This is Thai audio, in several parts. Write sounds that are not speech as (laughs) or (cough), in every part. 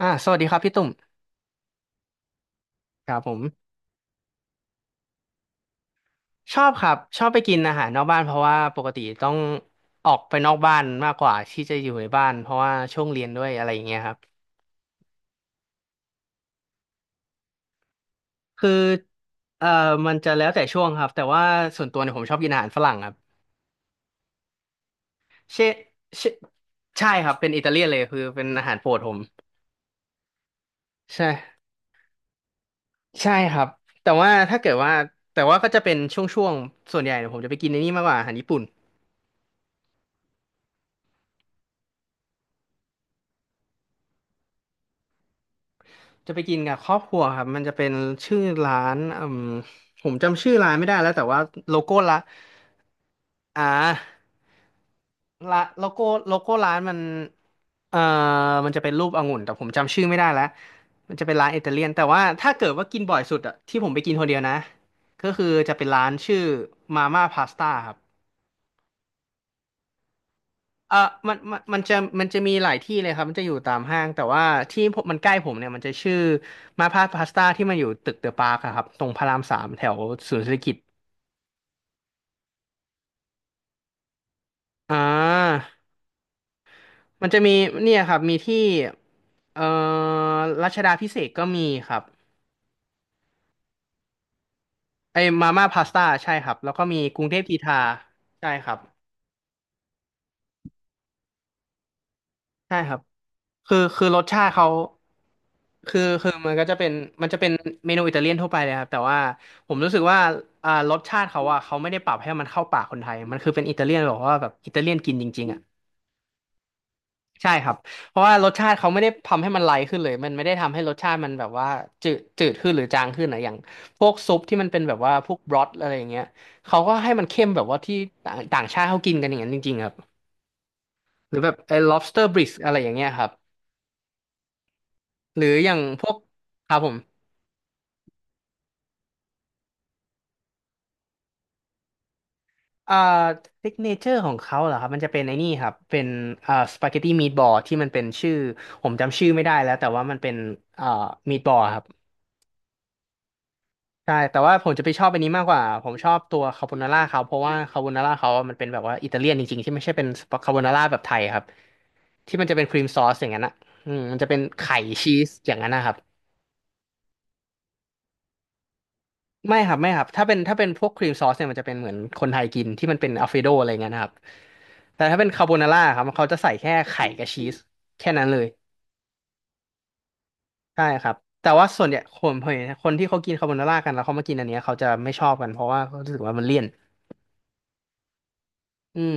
สวัสดีครับพี่ตุ่มครับผมชอบครับชอบไปกินอาหารนอกบ้านเพราะว่าปกติต้องออกไปนอกบ้านมากกว่าที่จะอยู่ในบ้านเพราะว่าช่วงเรียนด้วยอะไรอย่างเงี้ยครับคือเอ่อมันจะแล้วแต่ช่วงครับแต่ว่าส่วนตัวเนี่ยผมชอบกินอาหารฝรั่งครับเชเชใช่ครับเป็นอิตาเลียนเลยคือเป็นอาหารโปรดผมใช่ใช่ครับแต่ว่าถ้าเกิดว่าแต่ว่าก็จะเป็นช่วงๆส่วนใหญ่เนี่ยผมจะไปกินในนี่มากกว่าอาหารญี่ปุ่น จะไปกินกับครอบครัวครับมันจะเป็นชื่อร้านอืมผมจำชื่อร้านไม่ได้แล้วแต่ว่าโลโก้ละอ่าละโลโก้โลโก้ร้านมันเอ่อมันจะเป็นรูปองุ่นแต่ผมจำชื่อไม่ได้แล้วมันจะเป็นร้านอิตาเลียนแต่ว่าถ้าเกิดว่ากินบ่อยสุดอะที่ผมไปกินคนเดียวนะก็คือจะเป็นร้านชื่อมาม่าพาสต้าครับเออมันจะมันจะมีหลายที่เลยครับมันจะอยู่ตามห้างแต่ว่าที่ผมมันใกล้ผมเนี่ยมันจะชื่อมาพาพาสต้าที่มันอยู่ตึกเดอะปาร์คครับตรงพระรามสามแถวศูนย์เศรษฐกิจ อ่ามันจะมีเนี่ยครับมีที่เอ่อรัชดาพิเศษกก็มีครับไอ้มาม่าพาสต้าใช่ครับแล้วก็มีกรุงเทพธีทาใช่ครับใช่ครับคือรสชาติเขาคือมันก็จะเป็นมันจะเป็นเมนูอิตาเลียนทั่วไปเลยครับแต่ว่าผมรู้สึกว่ารสชาติเขาอะเขาไม่ได้ปรับให้มันเข้าปากคนไทยมันคือเป็นอิตาเลียนแบบว่าแบบอิตาเลียนกินจริงๆอะ ใช่ครับ เพราะว่ารสชาติเขาไม่ได้ทำให้มันไลท์ขึ้นเลยมันไม่ได้ทำให้รสชาติมันแบบว่าจืดจืดขึ้นหรือจางขึ้นนะอย่างพวกซุปที่มันเป็นแบบว่าพวกบรอทอะไรอย่างเงี้ยเขาก็ให้มันเข้มแบบว่าที่ต่างต่างชาติเขากินกันอย่างนั้นจริงๆครับ หรือแบบไอ้ lobster bisque อะไรอย่างเงี้ยครับ หรืออย่างพวกครับผมอ่าซิกเนเจอร์ของเขาเหรอครับ มันจะเป็นไอ้นี่ครับเป็นสปาเกตตี้มีทบอลที่มันเป็นชื่อ ผมจำชื่อไม่ได้แล้วแต่ว่ามันเป็นอ่ามีทบอลครับ ใช่แต่ว่าผมจะไปชอบอันนี้มากกว่าผมชอบตัวคาโบนาร่าเขาเพราะว่าคาโบนาร่าเขาอะมันเป็นแบบว่าอิตาเลียนจริงๆที่ไม่ใช่เป็นคาโบนาร่าแบบไทยครับที่มันจะเป็นครีมซอสอย่างนั้นอ่ะอืมมันจะเป็นไข่ชีสอย่างนั้นนะครับไม่ครับไม่ครับถ้าเป็นพวกครีมซอสเนี่ยมันจะเป็นเหมือนคนไทยกินที่มันเป็นอัลเฟโดอะไรเงี้ยนะครับแต่ถ้าเป็นคาโบนาร่าครับเขาจะใส่แค่ไข่กับชีสแค่นั้นเลยใช่ครับแต่ว่าส่วนใหญ่คนเห็นคนที่เขากินคาโบนาร่ากันแล้วเขามากินอันเนี้ยเขาจะไม่ชอบกันเพราะว่าเขารู้สึกว่ามันเลี่ยนอืม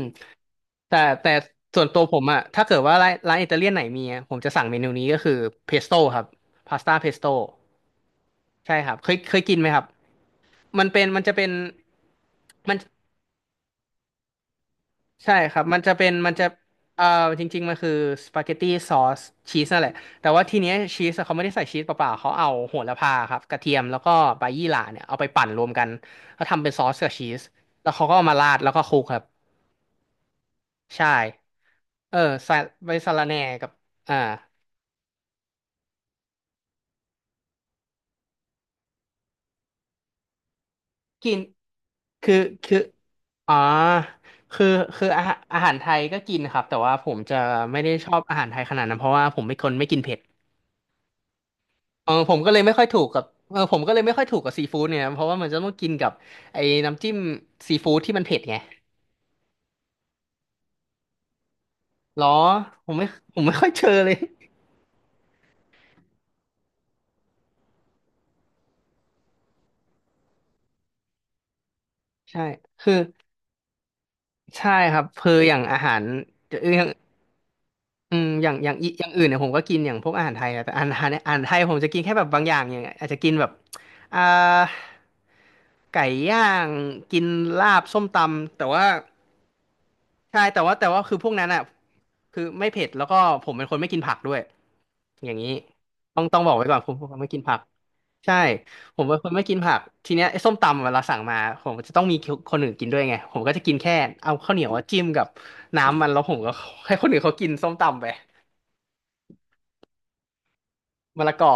แต่แต่ส่วนตัวผมอะถ้าเกิดว่าร้านอิตาเลียนไหนมีอะผมจะสั่งเมนูนี้ก็คือเพสโต้ครับพาสต้าเพสโต้ใช่ครับเคยกินไหมครับมันเป็นมันจะเป็นมันใช่ครับมันจะเป็นมันจะเอ่อจริงๆมันคือสปาเกตตี้ซอสชีสนั่นแหละแต่ว่าทีเนี้ยชีสเขาไม่ได้ใส่ชีสเปล่าๆเขาเอาโหระพาครับกระเทียมแล้วก็ใบยี่หร่าเนี่ยเอาไปปั่นรวมกันแล้วทำเป็นซอสกับชีสแล้วเขาก็เอามาราดแล้วก็คลุกครับใช่เออใส่ใบสะระแหน่กับอ่ากิน คือคืออ๋อคือคืออาหารอาหารไทยก็กินครับแต่ว่าผมจะไม่ได้ชอบอาหารไทยขนาดนั้นเพราะว่าผมเป็นคนไม่กินเผ็ดเออผมก็เลยไม่ค่อยถูกกับเออผมก็เลยไม่ค่อยถูกกับซีฟู้ดเนี่ยเพราะว่ามันจะต้องกินกับไอ้น้ำจิ้มซีฟู้ดที่มันเผ็ดไงหรอผมไม่ผมไม่ค่อยเจอเลยใช่คือใช่ครับคืออย่างอาหาร อย่างอื่นเนี่ยผมก็กินอย่างพวกอาหารไทยนะแต่อาหารไทยผมจะกินแค่แบบบางอย่างอย่างอาจจะกินแบบอ่าไก่ย่างกินลาบส้มตำแต่ว่าใช่แต่ว่าคือพวกนั้นอ่ะคือไม่เผ็ดแล้วก็ผมเป็นคนไม่กินผักด้วยอย่างนี้ต้องบอกไว้ก่อนผมไม่กินผักใช่ ผมเป็นคนไม่กินผักทีเนี้ยไอ้ส้มตำเวลาสั่งมาผมจะต้องมีคนอื่นกินด้วยไงผมก็จะกินแค่เอาข้าวเหนียวอะจิ้มกับน้ำมันแล้วผมก็ให้คนอื่นเขากินส้มตำไปมะละกอ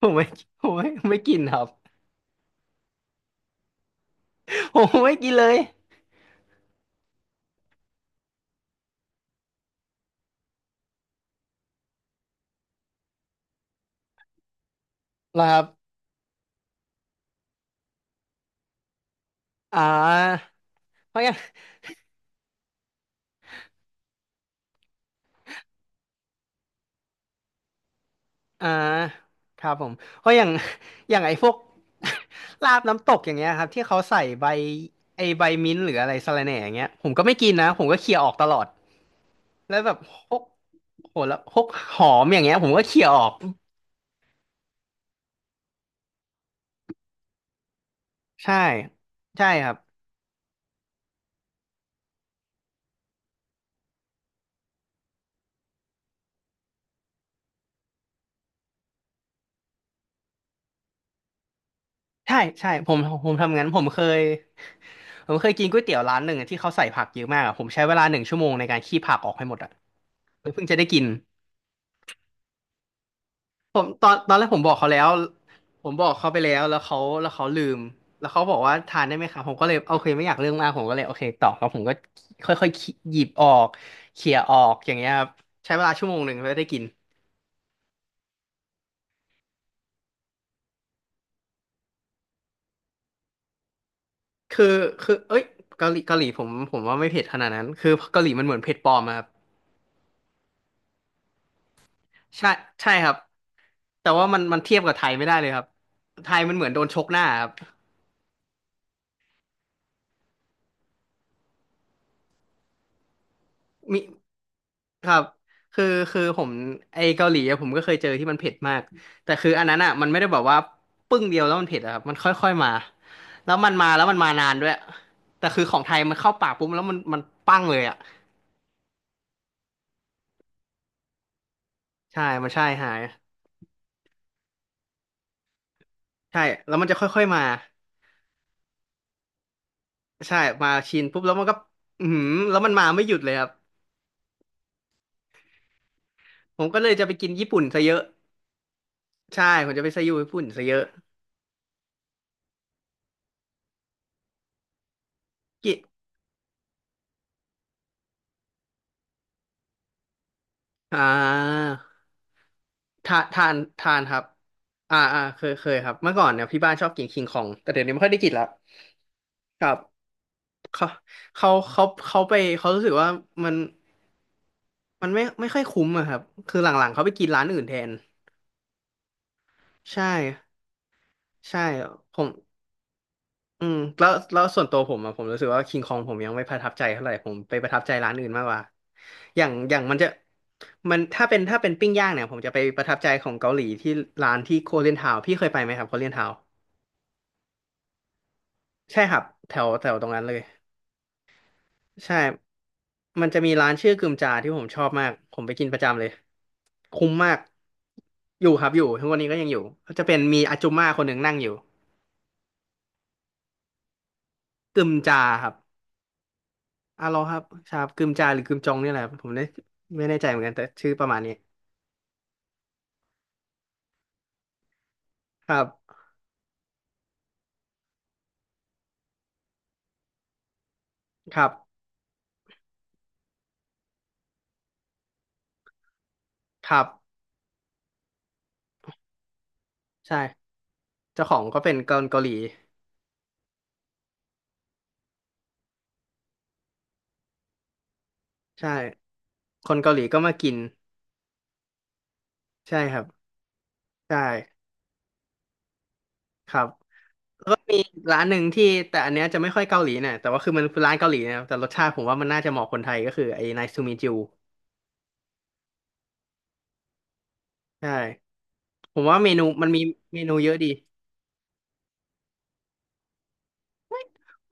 ผมไม่ผมไม่กินครับผมไม่กินเลยนะครับอ่าเพราะอย่างอ่าครับผมเพราะอย่างอย่างไอ้พวก (laughs) ลาบน้ำตกอย่างเงี้ยครับที่เขาใส่ใบไอ้ใบมิ้นท์หรืออะไรสะระแหน่อย่างเงี้ยผมก็ไม่กินนะผมก็เคลียร์ออกตลอดแล้วแบบพวก โหแล้วพวกหอมอย่างเงี้ยผมก็เขี่ยออกใช่ใช่ครับใช่ใช่ผมผมทำงั้นผมเคยผมเคยกินก๋วยเตี๋ยวร้านหนึ่งอะที่เขาใส่ผักเยอะมากอะผมใช้เวลาหนึ่งชั่วโมงในการขี้ผักออกให้หมดอ่ะเพิ่งจะได้กินผมตอนแรกผมบอกเขาแล้วผมบอกเขาไปแล้วแล้วเขาลืมแล้วเขาบอกว่าทานได้ไหมครับผมก็เลยโอเคไม่อยากเรื่องมากผมก็เลยโอเคต่อแล้วผมก็ค่อยๆหยิบออกเขี่ยออกอย่างเงี้ยครับใช้เวลาชั่วโมงหนึ่งเพื่อได้กิน คือคือเอ้ยเกาหลีผมว่าไม่เผ็ดขนาดนั้นคือเกาหลีมันเหมือนเผ็ดปลอมอะครับใช่ใช่ครับแต่ว่ามันเทียบกับไทยไม่ได้เลยครับไทยมันเหมือนโดนชกหน้าครับมีครับคือคือผมไอเกาหลีอะผมก็เคยเจอที่มันเผ็ดมากแต่คืออันนั้นอะมันไม่ได้แบบว่าปึ้งเดียวแล้วมันเผ็ดอะครับมันค่อยๆมาแล้วมันมาแล้วมันมานานด้วยแต่คือของไทยมันเข้าปากปุ๊บแล้วมันปั้งเลยอะใช่มันใช่หายใช่แล้วมันจะค่อยๆมา ใช่มาชินปุ๊บแล้วมันก็อือหือแล้วมันมาไม่หยุดเลยครับผมก็เลยจะไปกินญี่ปุ่นซะเยอะใช่ผมจะไปซะอยู่ญี่ปุ่นซะเยอะกิอ่าทานครับเคยครับเมื่อก่อนเนี่ยพี่บ้านชอบกินคิงคองแต่เดี๋ยวนี้ไม่ค่อยได้กินละครับเขาเขาไปเขารู้สึกว่ามันมันไม่ค่อยคุ้มอะครับคือหลังๆเขาไปกินร้านอื่นแทนใช่ใช่ผม อืมแล้วแล้วส่วนตัวผมอะผมรู้สึกว่าคิงคองผมยังไม่ประทับใจเท่าไหร่ผมไปประทับใจร้านอื่นมากกว่าอย่างอย่างมันจะมันถ้าเป็นปิ้งย่างเนี่ยผมจะไปประทับใจของเกาหลีที่ร้านที่โคเรียนทาวพี่เคยไปไหมครับโคเรียนทาวใช่ครับแถวแถวตรงนั้นเลยใช่มันจะมีร้านชื่อกึมจาที่ผมชอบมากผมไปกินประจำเลยคุ้มมากอยู่ครับอยู่ทุกวันนี้ก็ยังอยู่ก็จะเป็นมีอาจุมม่าคนหนึ่งนั่งอยู่กึมจาครับ อ่ะรอครับชาบกึมจาหรือกึมจองเนี่ยแหละครับผมได้ไม่แน่ใจเหมือนกันแต่ชื่อประมาณนี้ครับครับครับใช่เจ้าของก็เป็นคนเกาหลีใช่คนเกาหลีก็มากินใช่ครับใช่ครับแล้วก็มีร้านหนึ่งที่แต่อันเนี้ยจะไม่ค่อยเกาหลีนะแต่ว่าคือมันคือร้านเกาหลีนะครับแต่รสชาติผมว่ามันน่าจะเหมาะคนไทยก็คือไอ้ Nice to meet you ใช่ผมว่าเมนูมันมีเมนูเยอะดี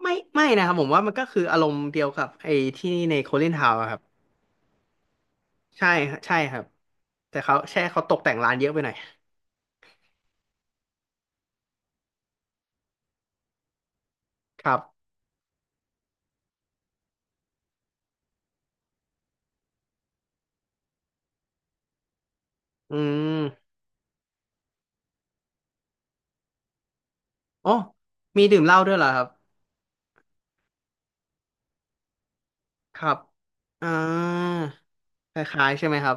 ไม่ไม่นะครับผมว่ามันก็คืออารมณ์เดียวกับไอ้ที่ในโคลินทาวน์ ใช่ฮะใช่ครับแต่เขาแช่เขาตกแต่งร้านเยอะไปหน่อยครับอืมโอ้มีดื่มเหล้าด้วยเหรอครับครับอ่าคล้ายๆใช่ไหมครับ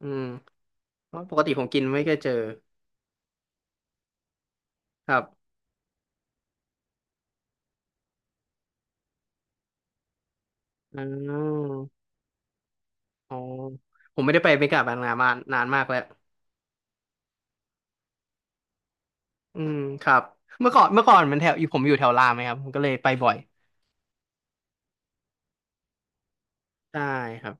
อืมเพราะปกติผมกินไม่เคยเจอครับอืมอ๋อผมไม่ได้ไปเมกาบางนามานานมากแล้วอืมครับเมื่อก่อนมันแถวอยู่ผมอยู่แถวรามไหมครับผมก็เลยไปบ่อยได้ครับ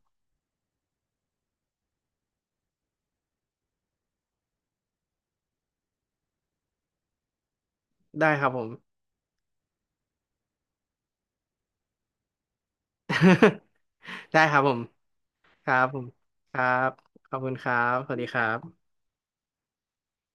ได้ครับผม (laughs) ได้ครับผมครับผมครับขอบคุณครับสวัสดีครับ